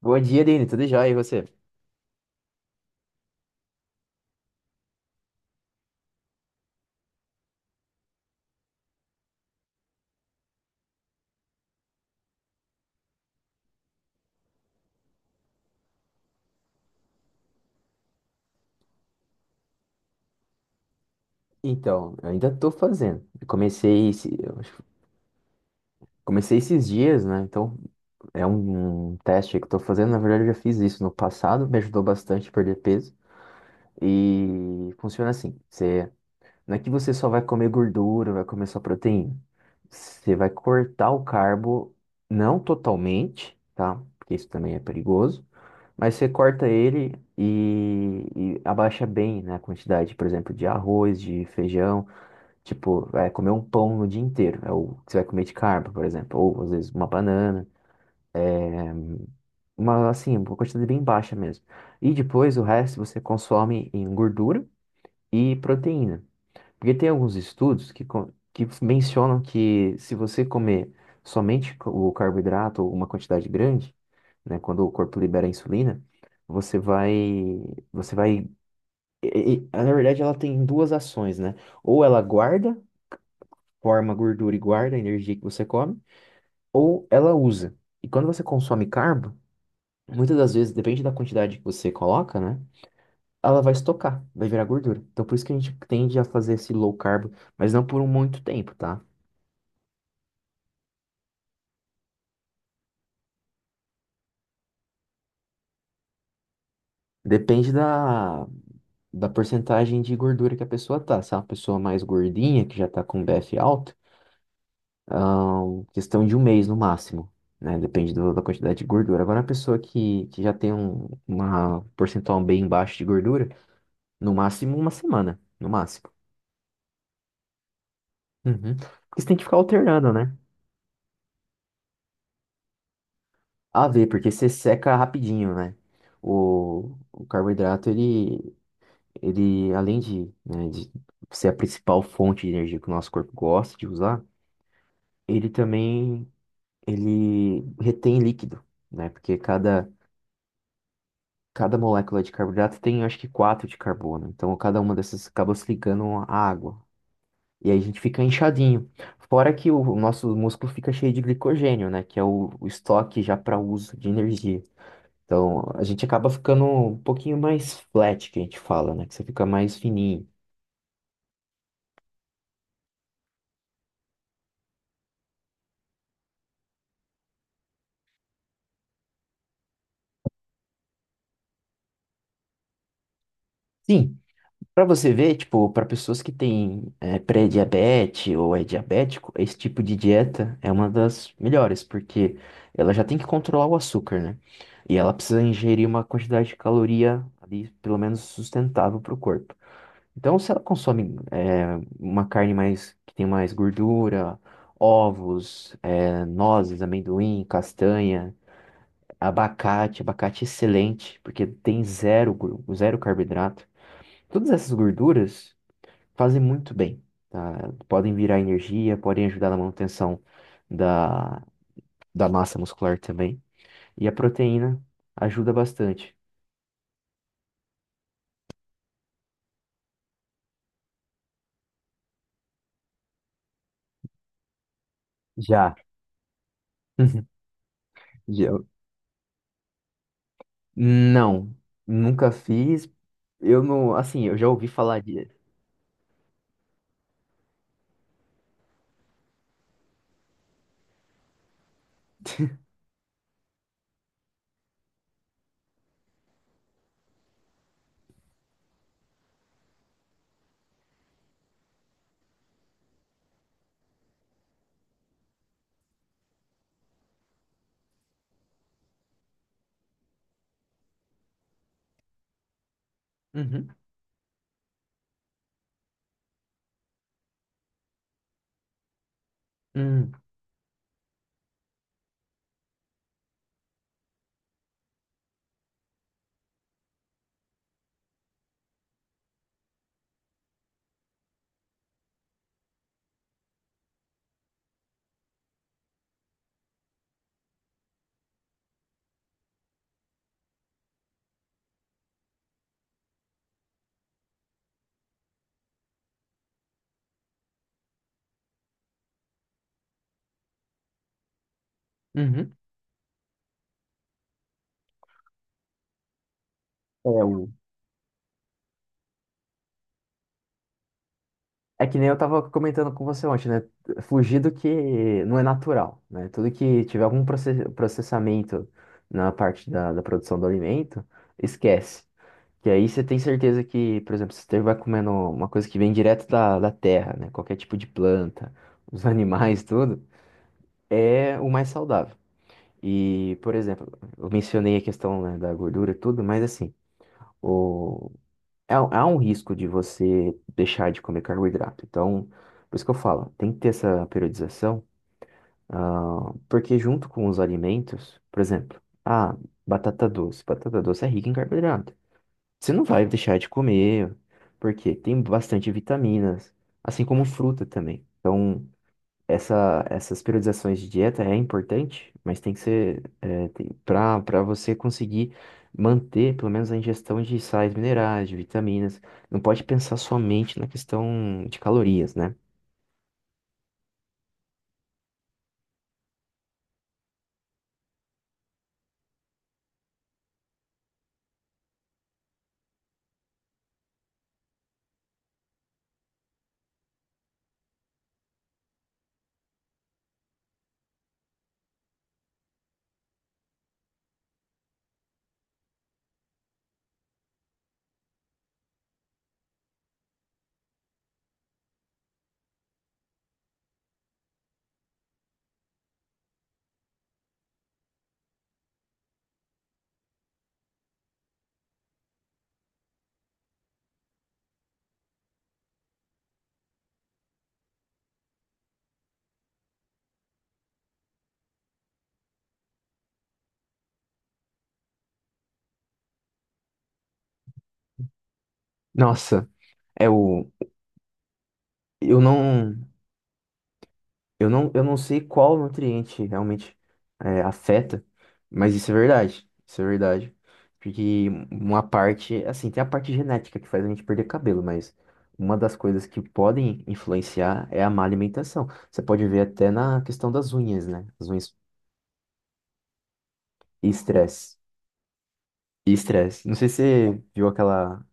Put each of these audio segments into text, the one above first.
Bom dia, Dani. Tudo jóia? E você? Então, eu ainda tô fazendo. Eu acho que comecei esses dias, né? Então, é um teste aí que eu tô fazendo. Na verdade, eu já fiz isso no passado, me ajudou bastante a perder peso. E funciona assim: você, não é que você só vai comer gordura, vai comer só proteína. Você vai cortar o carbo, não totalmente, tá? Porque isso também é perigoso. Mas você corta ele e abaixa bem, né, a quantidade, por exemplo, de arroz, de feijão. Tipo, é comer um pão no dia inteiro. É o que você vai comer de carbo, por exemplo. Ou às vezes uma banana. Uma, assim, uma quantidade bem baixa mesmo. E depois o resto você consome em gordura e proteína. Porque tem alguns estudos que mencionam que se você comer somente o carboidrato ou uma quantidade grande, né, quando o corpo libera a insulina, você vai, você vai, e- na verdade ela tem duas ações, né? Ou ela guarda, forma gordura e guarda a energia que você come, ou ela usa. E quando você consome carbo, muitas das vezes, depende da quantidade que você coloca, né? Ela vai estocar, vai virar gordura. Então, por isso que a gente tende a fazer esse low carb, mas não por um muito tempo, tá? Depende da porcentagem de gordura que a pessoa tá. Se é uma pessoa mais gordinha, que já tá com BF alto, questão de um mês no máximo, né? Depende da quantidade de gordura. Agora, uma pessoa que já tem uma porcentual bem baixa de gordura, no máximo uma semana, no máximo. Uhum. Porque você tem que ficar alternando, né? A ver, porque você seca rapidinho, né? O carboidrato, ele, além de, né, de ser a principal fonte de energia que o nosso corpo gosta de usar, ele também, ele retém líquido, né? Porque cada molécula de carboidrato tem, acho que, quatro de carbono. Então, cada uma dessas acaba se ligando à água. E aí a gente fica inchadinho. Fora que o nosso músculo fica cheio de glicogênio, né? Que é o estoque já para uso de energia. Então, a gente acaba ficando um pouquinho mais flat, que a gente fala, né? Que você fica mais fininho. Sim, pra você ver, tipo, pra pessoas que têm pré-diabetes ou é diabético, esse tipo de dieta é uma das melhores, porque ela já tem que controlar o açúcar, né? E ela precisa ingerir uma quantidade de caloria ali, pelo menos sustentável pro corpo. Então, se ela consome uma carne mais que tem mais gordura, ovos, nozes, amendoim, castanha. Abacate, abacate excelente, porque tem zero, zero carboidrato. Todas essas gorduras fazem muito bem, tá? Podem virar energia, podem ajudar na manutenção da, da massa muscular também. E a proteína ajuda bastante. Já. Já. Não, nunca fiz. Eu não, assim, eu já ouvi falar de. Uhum, uhum, uhum. É, o É que nem eu tava comentando com você ontem, né? Fugir do que não é natural, né? Tudo que tiver algum processamento na parte da produção do alimento, esquece. Que aí você tem certeza que, por exemplo, você vai comendo uma coisa que vem direto da terra, né? Qualquer tipo de planta, os animais, tudo, é o mais saudável. E, por exemplo, eu mencionei a questão, né, da gordura e tudo, mas assim, há, há um risco de você deixar de comer carboidrato. Então, por isso que eu falo, tem que ter essa periodização, ah, porque junto com os alimentos, por exemplo, ah, batata doce. Batata doce é rica em carboidrato. Você não vai deixar de comer, porque tem bastante vitaminas, assim como fruta também. Então, essas periodizações de dieta é importante, mas tem que ser é, para você conseguir manter pelo menos a ingestão de sais minerais, de vitaminas. Não pode pensar somente na questão de calorias, né? Nossa, é o eu não Eu não, eu não sei qual nutriente realmente é, afeta, mas isso é verdade. Isso é verdade. Porque uma parte, assim, tem a parte genética que faz a gente perder cabelo, mas uma das coisas que podem influenciar é a má alimentação. Você pode ver até na questão das unhas, né? As unhas e estresse. E estresse. Não sei se você viu aquela,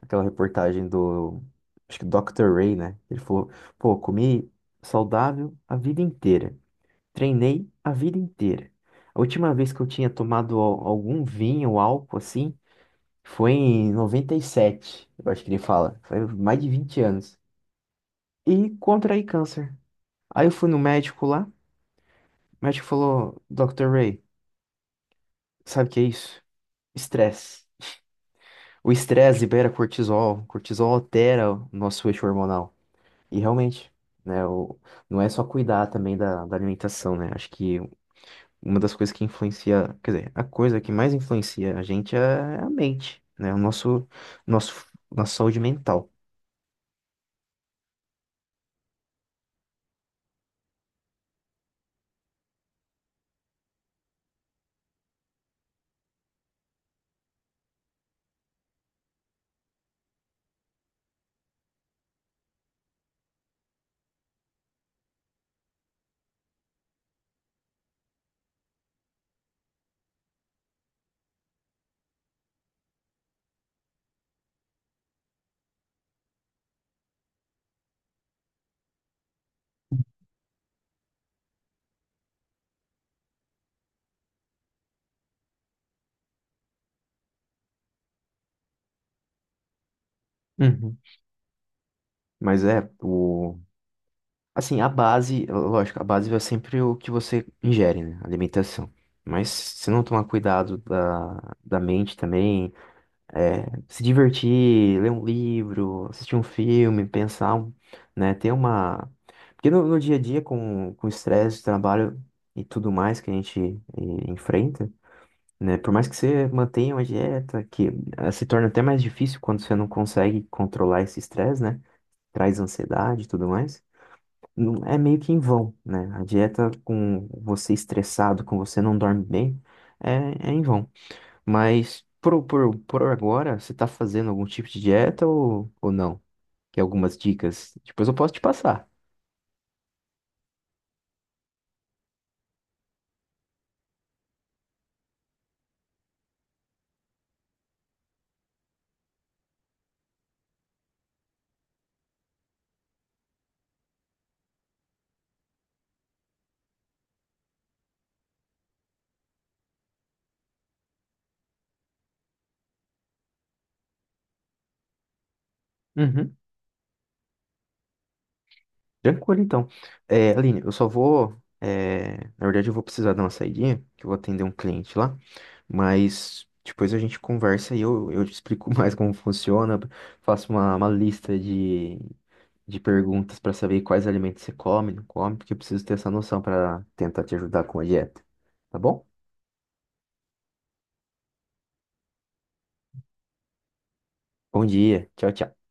aquela reportagem do, acho que Dr. Ray, né? Ele falou, pô, comi saudável a vida inteira. Treinei a vida inteira. A última vez que eu tinha tomado algum vinho ou álcool assim foi em 97. Eu acho que ele fala. Foi mais de 20 anos. E contraí câncer. Aí eu fui no médico lá. O médico falou: Dr. Ray, sabe o que é isso? Estresse. O estresse libera cortisol. Cortisol altera o nosso eixo hormonal. E realmente, né? Não é só cuidar também da alimentação, né? Acho que uma das coisas que influencia, quer dizer, a coisa que mais influencia a gente é a mente, né? Nosso, nossa saúde mental. Uhum. Mas é, o, assim, a base, lógico, a base é sempre o que você ingere, né? Alimentação. Mas se não tomar cuidado da mente também, é, se divertir, ler um livro, assistir um filme, pensar. Né? Ter uma. Porque no dia a dia, com o estresse, trabalho e tudo mais que a gente enfrenta, né? Por mais que você mantenha uma dieta, que ah, se torna até mais difícil quando você não consegue controlar esse estresse, né? Traz ansiedade e tudo mais. É meio que em vão, né? A dieta com você estressado, com você não dorme bem, é, é em vão. Mas por agora, você tá fazendo algum tipo de dieta ou não? Que algumas dicas, depois eu posso te passar. Uhum. Tranquilo, então. É, Aline, eu só vou. É, na verdade, eu vou precisar dar uma saidinha, que eu vou atender um cliente lá. Mas depois a gente conversa e eu te explico mais como funciona. Faço uma lista de perguntas para saber quais alimentos você come, não come, porque eu preciso ter essa noção para tentar te ajudar com a dieta. Tá bom? Bom dia. Tchau, tchau.